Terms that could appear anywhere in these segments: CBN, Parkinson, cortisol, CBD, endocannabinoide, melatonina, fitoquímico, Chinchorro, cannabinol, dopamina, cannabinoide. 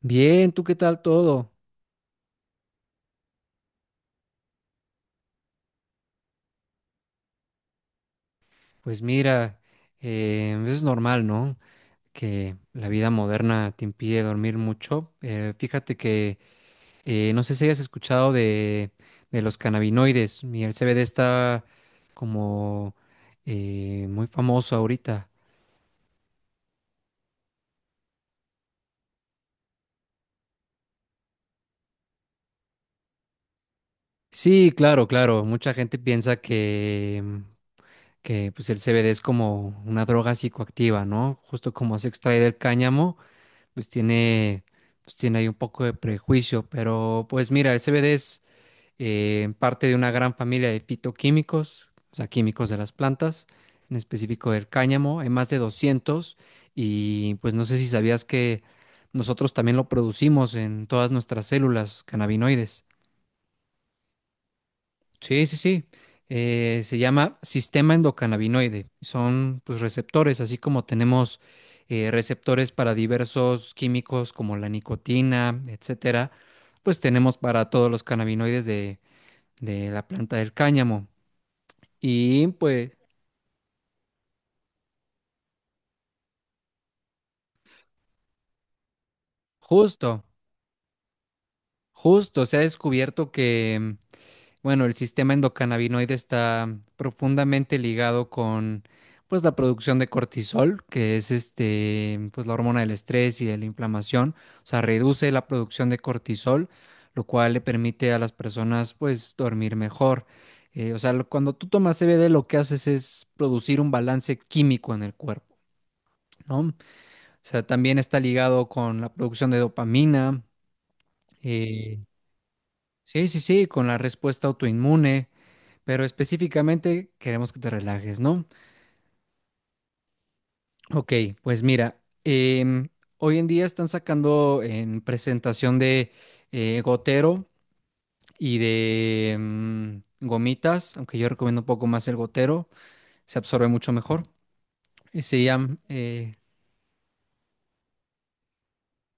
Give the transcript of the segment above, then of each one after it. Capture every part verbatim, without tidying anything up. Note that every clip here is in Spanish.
Bien, ¿tú qué tal todo? Pues mira, eh, es normal, ¿no? Que la vida moderna te impide dormir mucho. Eh, fíjate que eh, no sé si hayas escuchado de, de los cannabinoides y el C B D está como eh, muy famoso ahorita. Sí, claro, claro. Mucha gente piensa que, mm, que pues el C B D es como una droga psicoactiva, ¿no? Justo como se extrae del cáñamo. pues tiene, pues tiene ahí un poco de prejuicio, pero pues mira, el C B D es eh, parte de una gran familia de fitoquímicos, o sea, químicos de las plantas, en específico del cáñamo, hay más de doscientos, y pues no sé si sabías que nosotros también lo producimos en todas nuestras células cannabinoides. Sí, sí, sí. Eh, se llama sistema endocannabinoide. Son, pues, receptores, así como tenemos eh, receptores para diversos químicos como la nicotina, etcétera. Pues tenemos para todos los cannabinoides de, de la planta del cáñamo. Y pues justo, justo se ha descubierto que, bueno, el sistema endocannabinoide está profundamente ligado con pues la producción de cortisol, que es, este, pues la hormona del estrés y de la inflamación, o sea, reduce la producción de cortisol, lo cual le permite a las personas pues dormir mejor. Eh, o sea, lo- cuando tú tomas C B D lo que haces es producir un balance químico en el cuerpo, ¿no? O sea, también está ligado con la producción de dopamina. eh, Sí, sí, sí, con la respuesta autoinmune, pero específicamente queremos que te relajes, ¿no? Ok, pues mira, em, hoy en día están sacando en presentación de eh, gotero y de em, gomitas, aunque yo recomiendo un poco más el gotero, se absorbe mucho mejor. Y Se llama eh,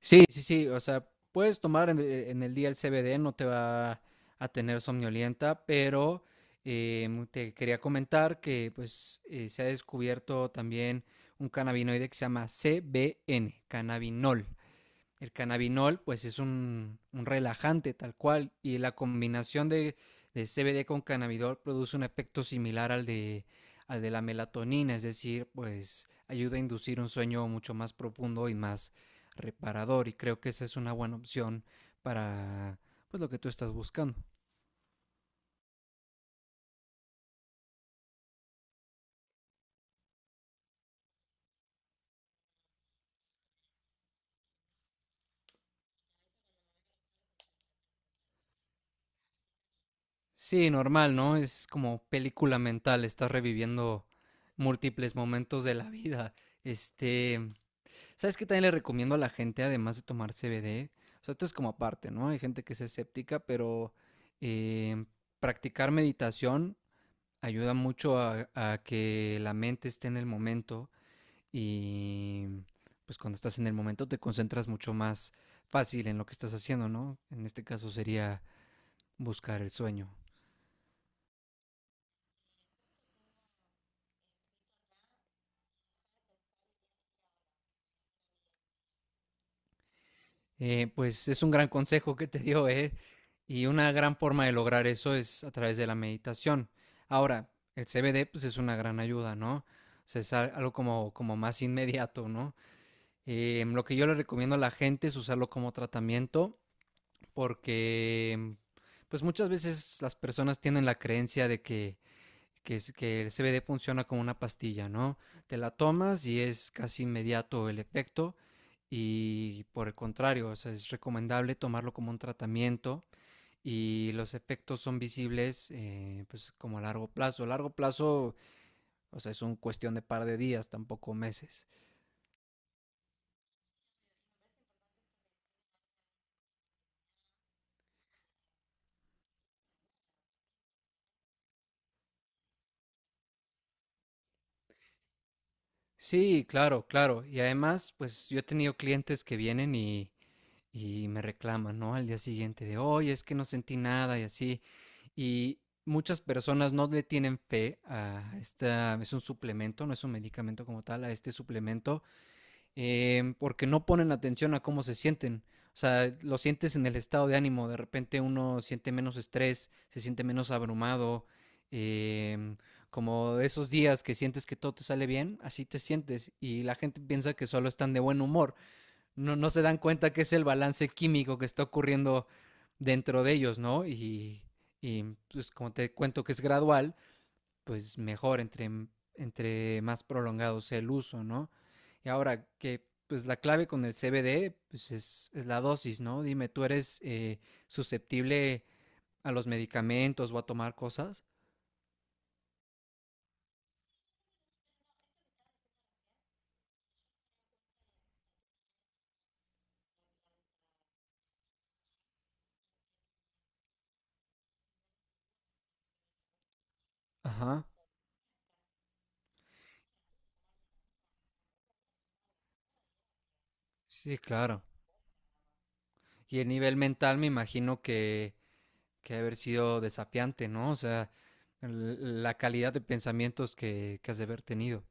Sí, sí, sí, o sea, puedes tomar en, e- en el día el C B D, no te va a tener somnolienta, pero em, te quería comentar que pues eh, se ha descubierto también un cannabinoide que se llama C B N, cannabinol. El cannabinol pues es un, un relajante tal cual, y la combinación de, de C B D con cannabidol produce un efecto similar al de, al de la melatonina, es decir, pues ayuda a inducir un sueño mucho más profundo y más reparador, y creo que esa es una buena opción para pues lo que tú estás buscando. Sí, normal, ¿no? Es como película mental, estás reviviendo múltiples momentos de la vida. Este, ¿Sabes qué también le recomiendo a la gente, además de tomar C B D? O sea, esto es como aparte, ¿no? Hay gente que es escéptica, pero eh, practicar meditación ayuda mucho a, a que la mente esté en el momento, y pues cuando estás en el momento te concentras mucho más fácil en lo que estás haciendo, ¿no? En este caso sería buscar el sueño. Eh, pues es un gran consejo que te dio, ¿eh? Y una gran forma de lograr eso es a través de la meditación. Ahora, el C B D pues es una gran ayuda, ¿no? O sea, es al- algo como, como más inmediato, ¿no? Eh, lo que yo le recomiendo a la gente es usarlo como tratamiento, porque pues muchas veces las personas tienen la creencia de que, que, es- que el C B D funciona como una pastilla, ¿no? Te la tomas y es casi inmediato el efecto, y por el contrario, o sea, es recomendable tomarlo como un tratamiento y los efectos son visibles, eh, pues como a largo plazo. A largo plazo, o sea, es una cuestión de par de días, tampoco meses. Sí, claro, claro. Y además, pues yo he tenido clientes que vienen y, y me reclaman, ¿no? Al día siguiente de, oye, es que no sentí nada y así. Y muchas personas no le tienen fe a esta, es un suplemento, no es un medicamento como tal, a este suplemento, em, porque no ponen atención a cómo se sienten. O sea, lo sientes en el estado de ánimo. De repente uno siente menos estrés, se siente menos abrumado. em, como de esos días que sientes que todo te sale bien, así te sientes. Y la gente piensa que solo están de buen humor. No, no se dan cuenta que es el balance químico que está ocurriendo dentro de ellos, ¿no? Y, y pues como te cuento que es gradual, pues mejor entre, mm, entre más prolongado sea el uso, ¿no? Y ahora que pues la clave con el C B D pues es, es la dosis, ¿no? Dime, ¿tú eres eh, susceptible a los medicamentos o a tomar cosas? Ajá, sí, claro. Y el nivel mental me imagino que, que ha haber sido desafiante, ¿no? O sea, l- la calidad de pensamientos que, que has de haber tenido.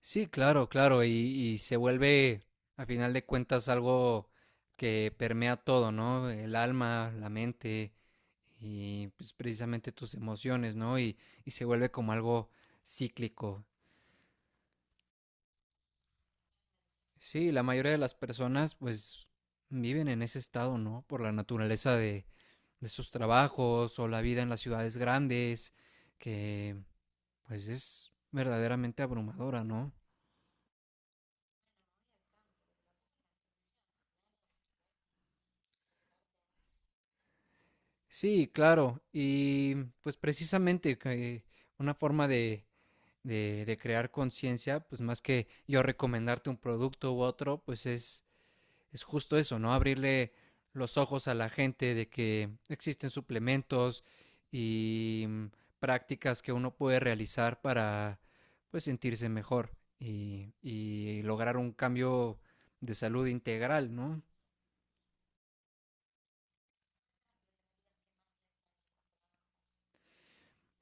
Sí, claro, claro, y, y se vuelve, a final de cuentas, algo que permea todo, ¿no? El alma, la mente y, pues, precisamente tus emociones, ¿no? Y, y se vuelve como algo cíclico. Sí, la mayoría de las personas pues viven en ese estado, ¿no? Por la naturaleza de, de sus trabajos o la vida en las ciudades grandes, que pues es verdaderamente abrumadora, ¿no? Sí, claro. Y pues precisamente que una forma de, de- de crear conciencia, pues más que yo recomendarte un producto u otro, pues es, es justo eso, ¿no? Abrirle los ojos a la gente de que existen suplementos y, mm, prácticas que uno puede realizar para pues sentirse mejor y, y lograr un cambio de salud integral, ¿no?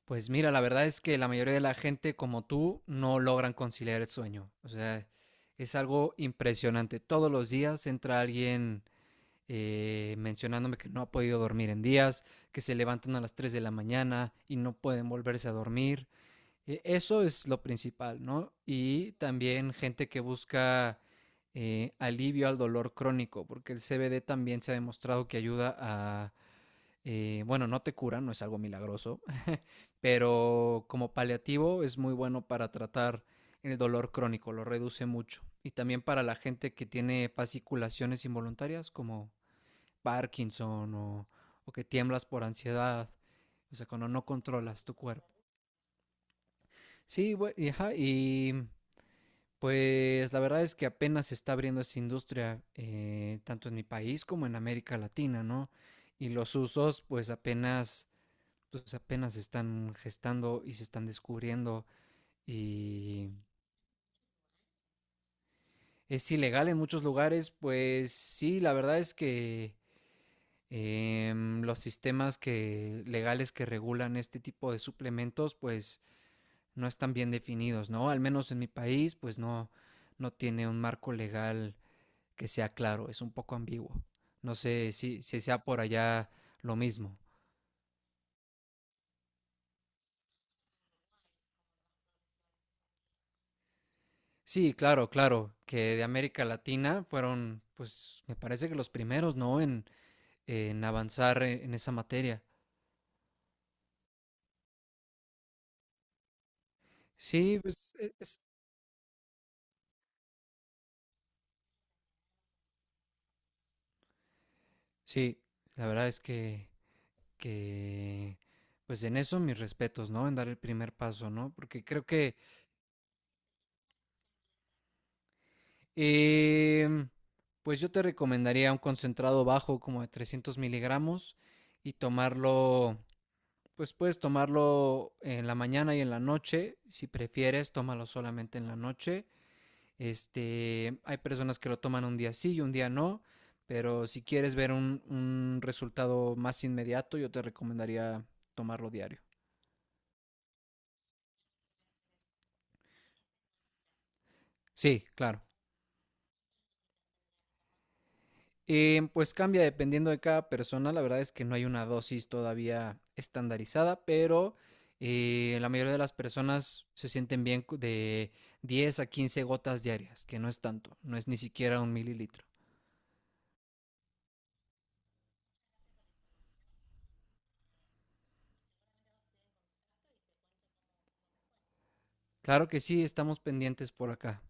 Pues mira, la verdad es que la mayoría de la gente como tú no logran conciliar el sueño. O sea, es algo impresionante. Todos los días entra alguien eh, mencionándome que no ha podido dormir en días, que se levantan a las tres de la mañana y no pueden volverse a dormir. Eh, eso es lo principal, ¿no? Y también gente que busca eh, alivio al dolor crónico, porque el C B D también se ha demostrado que ayuda a, eh, bueno, no te cura, no es algo milagroso, pero como paliativo es muy bueno para tratar el dolor crónico, lo reduce mucho. Y también para la gente que tiene fasciculaciones involuntarias como Parkinson o, o que tiemblas por ansiedad, o sea, cuando no controlas tu cuerpo. Sí, bue- y, ajá, y pues la verdad es que apenas se está abriendo esa industria, eh, tanto en mi país como en América Latina, ¿no? Y los usos pues apenas, pues apenas se están gestando y se están descubriendo, y es ilegal en muchos lugares. Pues sí, la verdad es que, em, los sistemas que, legales que regulan este tipo de suplementos, pues no están bien definidos, ¿no? Al menos en mi país, pues no, no tiene un marco legal que sea claro, es un poco ambiguo. No sé si, si sea por allá lo mismo. Sí, claro, claro, que de América Latina fueron, pues me parece que los primeros, ¿no? En, en avanzar eh, en esa materia. Sí, pues e- es- sí, la verdad es que, que, pues en eso mis respetos, ¿no? En dar el primer paso, ¿no? Porque creo que, em, pues yo te recomendaría un concentrado bajo como de trescientos miligramos, y tomarlo, pues puedes tomarlo en la mañana y en la noche; si prefieres, tómalo solamente en la noche. Este, hay personas que lo toman un día sí y un día no, pero si quieres ver un, un resultado más inmediato, yo te recomendaría tomarlo diario. Sí, claro. Eh, pues cambia dependiendo de cada persona. La verdad es que no hay una dosis todavía estandarizada, pero eh, la mayoría de las personas se sienten bien de diez a quince gotas diarias, que no es tanto, no es ni siquiera un mililitro. Claro que sí, estamos pendientes por acá.